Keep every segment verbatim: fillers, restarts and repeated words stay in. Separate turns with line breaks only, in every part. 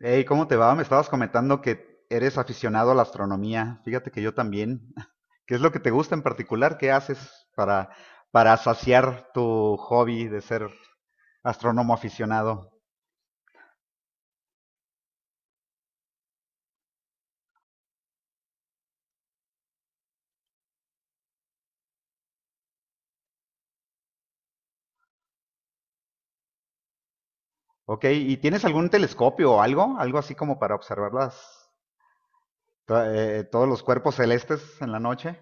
Hey, ¿cómo te va? Me estabas comentando que eres aficionado a la astronomía. Fíjate que yo también. ¿Qué es lo que te gusta en particular? ¿Qué haces para, para saciar tu hobby de ser astrónomo aficionado? Ok, ¿y tienes algún telescopio o algo? ¿Algo así como para observar las, to- eh, todos los cuerpos celestes en la noche?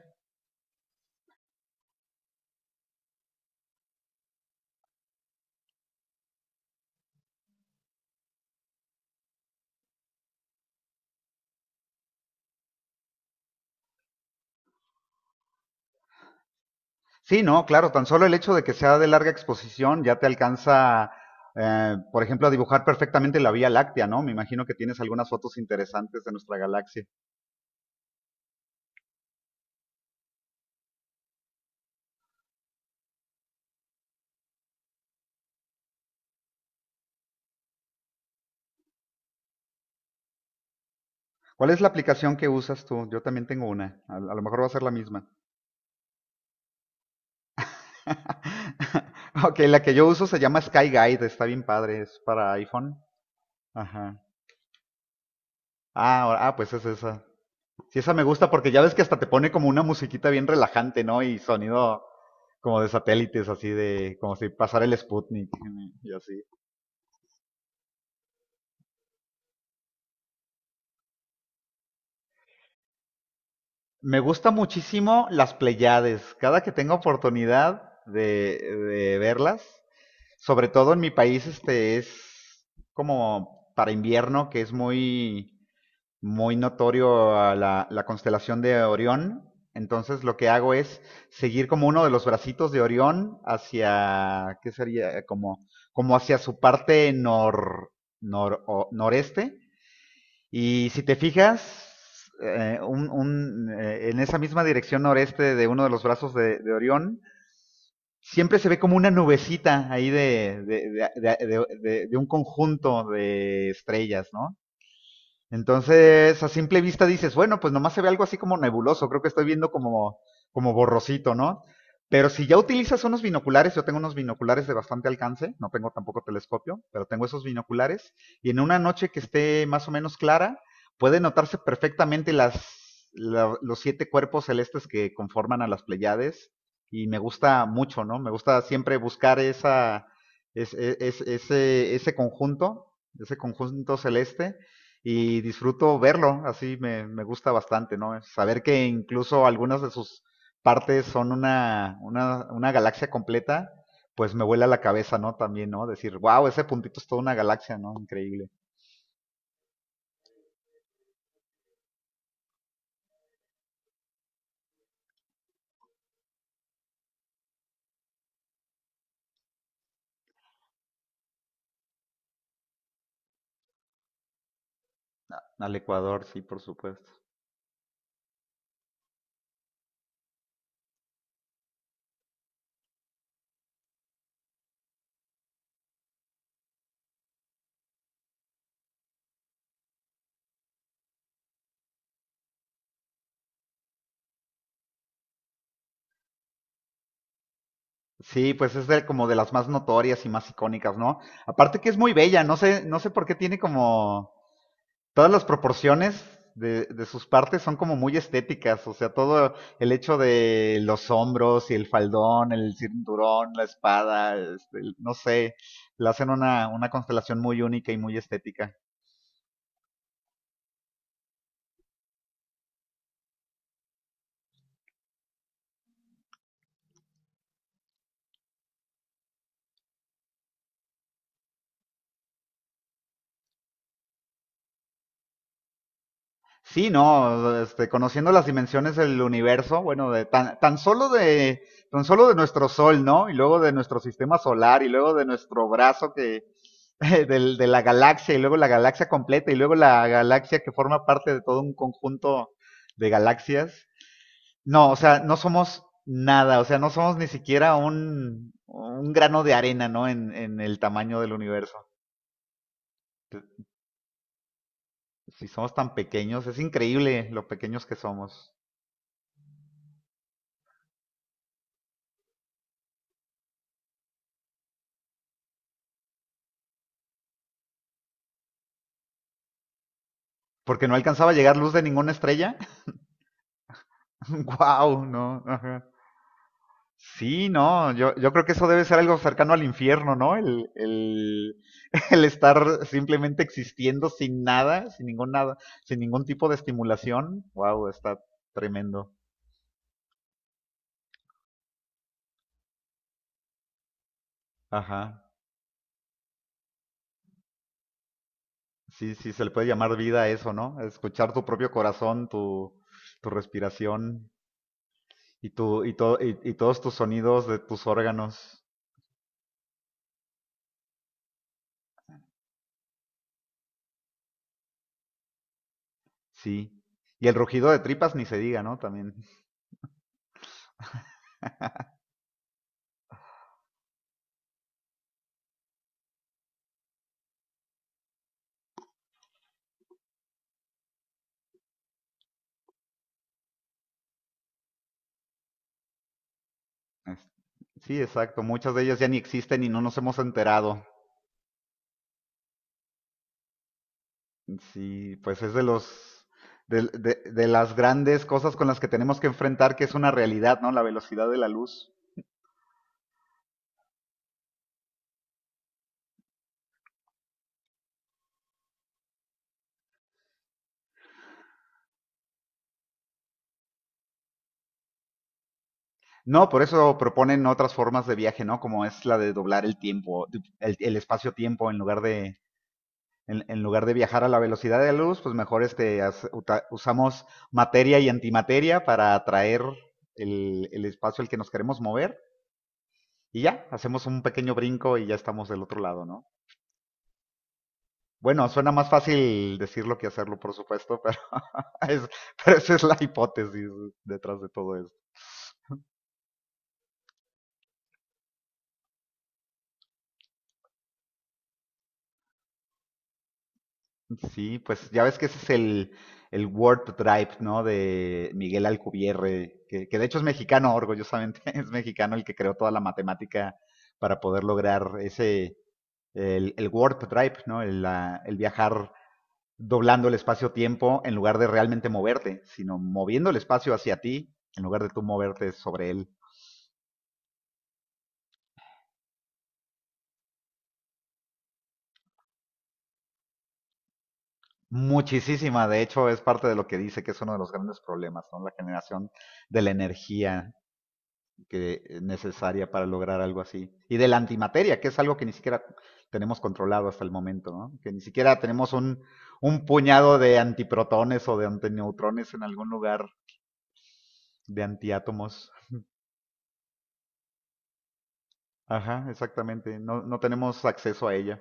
Sí, no, claro, tan solo el hecho de que sea de larga exposición ya te alcanza, eh, por ejemplo, a dibujar perfectamente la Vía Láctea, ¿no? Me imagino que tienes algunas fotos interesantes de nuestra galaxia. ¿Cuál es la aplicación que usas tú? Yo también tengo una. A, a lo mejor va a ser la misma. Ok, la que yo uso se llama Sky Guide. Está bien padre. Es para iPhone. Ajá. Ah, ahora- ah, pues es esa. Sí, esa me gusta porque ya ves que hasta te pone como una musiquita bien relajante, ¿no? Y sonido como de satélites, así de como si pasara el Sputnik y así. Me gusta muchísimo las Pleiades. Cada que tengo oportunidad de, de verlas, sobre todo en mi país, este es como para invierno, que es muy, muy notorio a la, la constelación de Orión. Entonces lo que hago es seguir como uno de los bracitos de Orión hacia, ¿qué sería? Como, como hacia su parte nor, nor- o- noreste y si te fijas, eh, un- un, eh, en esa misma dirección noreste de uno de los brazos de, de Orión, siempre se ve como una nubecita ahí de, de- de- de- de- de- de un conjunto de estrellas, ¿no? Entonces, a simple vista dices, bueno, pues nomás se ve algo así como nebuloso, creo que estoy viendo como, como borrosito, ¿no? Pero si ya utilizas unos binoculares, yo tengo unos binoculares de bastante alcance, no tengo tampoco telescopio, pero tengo esos binoculares, y en una noche que esté más o menos clara, puede notarse perfectamente las, la- los siete cuerpos celestes que conforman a las Pleiades, y me gusta mucho, ¿no? Me gusta siempre buscar esa, es- es- ese, ese conjunto, ese conjunto celeste, y disfruto verlo, así me, me gusta bastante, ¿no? Saber que incluso algunas de sus partes son una, una, una galaxia completa, pues me vuela la cabeza, ¿no? También, ¿no? Decir, wow, ese puntito es toda una galaxia, ¿no? Increíble. Al Ecuador, sí, por supuesto. Sí, pues es de, como de las más notorias y más icónicas, ¿no? Aparte que es muy bella, no sé, no sé por qué tiene como todas las proporciones de, de sus partes son como muy estéticas, o sea, todo el hecho de los hombros y el faldón, el cinturón, la espada, este, no sé, le hacen una, una constelación muy única y muy estética. Sí, no, este, conociendo las dimensiones del universo, bueno, de tan, tan solo de tan solo de nuestro sol, ¿no? Y luego de nuestro sistema solar y luego de nuestro brazo que del- de, la galaxia y luego la galaxia completa y luego la galaxia que forma parte de todo un conjunto de galaxias. No, o sea, no somos nada, o sea, no somos ni siquiera un, un grano de arena, ¿no? En, en el tamaño del universo. Si somos tan pequeños, es increíble lo pequeños que somos. Porque no alcanzaba a llegar luz de ninguna estrella. Wow, no. Ajá. Sí, no, yo, yo creo que eso debe ser algo cercano al infierno, ¿no? El, el, el estar simplemente existiendo sin nada, sin ningún nada, sin ningún tipo de estimulación. Wow, está tremendo. Ajá. Sí, sí, se le puede llamar vida a eso, ¿no? Escuchar tu propio corazón, tu, tu, respiración y, tu, y, to- y, y todos tus sonidos de tus órganos. Sí. Y el rugido de tripas ni se diga, ¿no? También. Es- Sí, exacto. Muchas de ellas ya ni existen y no nos hemos enterado. Sí, pues es de los del- de, de las grandes cosas con las que tenemos que enfrentar, que es una realidad, ¿no? La velocidad de la luz. No, por eso proponen otras formas de viaje, ¿no? Como es la de doblar el tiempo, du- el, el espacio-tiempo en lugar de en, en lugar de viajar a la velocidad de la luz, pues mejor este hace- uta- usamos materia y antimateria para atraer el, el espacio al que nos queremos mover. Y ya, hacemos un pequeño brinco y ya estamos del otro lado, ¿no? Bueno, suena más fácil decirlo que hacerlo, por supuesto, pero, es- pero esa es la hipótesis detrás de todo esto. Sí, pues ya ves que ese es el, el Word Drive, ¿no? De Miguel Alcubierre, que, que de hecho es mexicano, orgullosamente es mexicano el que creó toda la matemática para poder lograr ese, el, el Word Drive, ¿no? El, la- el viajar doblando el espacio-tiempo en lugar de realmente moverte, sino moviendo el espacio hacia ti en lugar de tú moverte sobre él. Muchísima, de hecho, es parte de lo que dice que es uno de los grandes problemas, ¿no? La generación de la energía que es necesaria para lograr algo así. Y de la antimateria, que es algo que ni siquiera tenemos controlado hasta el momento, ¿no? Que ni siquiera tenemos un, un puñado de antiprotones o de antineutrones en algún lugar de antiátomos. Ajá, exactamente. No, no tenemos acceso a ella.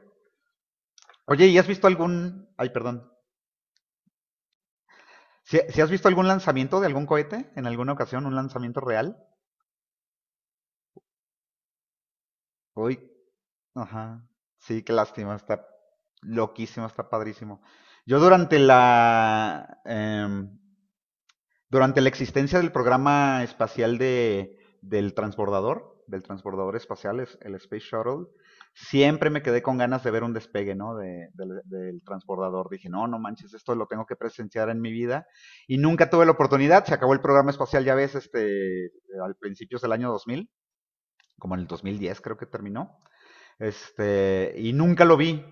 Oye, ¿y has visto algún... Ay, perdón. ¿Si, si has visto algún lanzamiento de algún cohete en alguna ocasión, un lanzamiento real? Uy, ajá. Sí, qué lástima, está loquísimo, está padrísimo. Yo durante la... em, Durante la existencia del programa espacial de, del transbordador, del transbordador espacial, el Space Shuttle, siempre me quedé con ganas de ver un despegue, ¿no? de- del- del transbordador. Dije, no, no manches, esto lo tengo que presenciar en mi vida. Y nunca tuve la oportunidad. Se acabó el programa espacial, ya ves, este, al principios del año dos mil, como en el dos mil diez creo que terminó. Este, y nunca lo vi.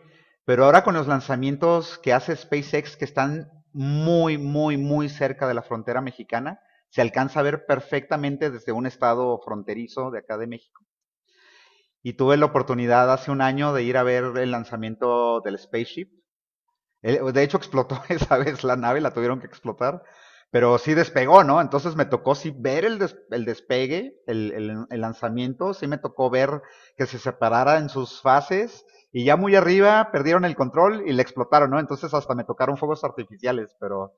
Pero ahora con los lanzamientos que hace SpaceX, que están muy, muy, muy cerca de la frontera mexicana, se alcanza a ver perfectamente desde un estado fronterizo de acá de México. Y tuve la oportunidad hace un año de ir a ver el lanzamiento del Spaceship él- de hecho, explotó esa vez la nave, la tuvieron que explotar, pero sí despegó, ¿no? Entonces me tocó sí ver el, des- el despegue, el, el- el lanzamiento, sí me tocó ver que se separara en sus fases y ya muy arriba perdieron el control y le explotaron, ¿no? Entonces hasta me tocaron fuegos artificiales, pero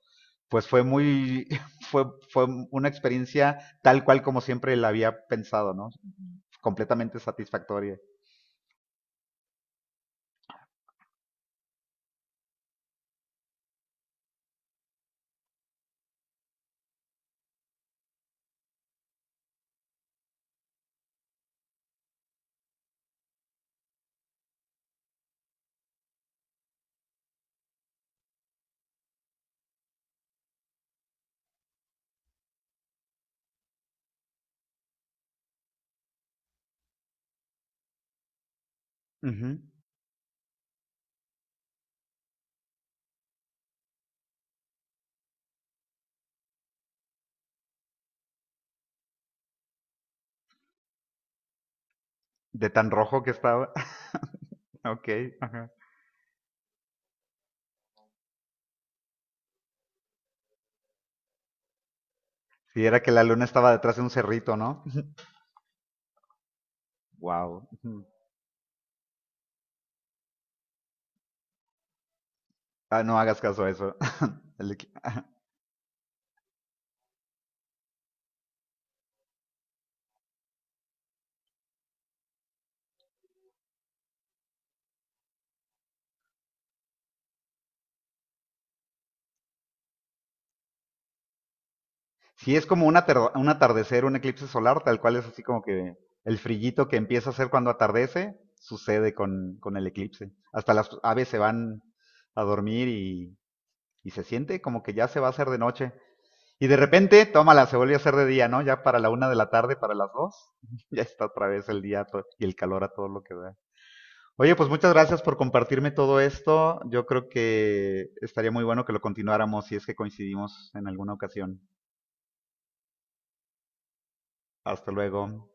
pues fue muy, fue, fue una experiencia tal cual como siempre la había pensado, ¿no? Completamente satisfactoria. Ujú. De tan rojo que estaba. Ok, ajá. Sí, era que la luna estaba detrás de un cerrito, ¿no? Wow. Ah, no hagas caso a eso. El equi- sí, es como un atar- un atardecer, un eclipse solar, tal cual es así como que el frillito que empieza a hacer cuando atardece, sucede con, con el eclipse. Hasta las aves se van a dormir y, y se siente como que ya se va a hacer de noche. Y de repente, tómala, se vuelve a hacer de día, ¿no? Ya para la una de la tarde, para las dos, ya está otra vez el día to- y el calor a todo lo que da. Oye, pues muchas gracias por compartirme todo esto. Yo creo que estaría muy bueno que lo continuáramos si es que coincidimos en alguna ocasión. Hasta luego.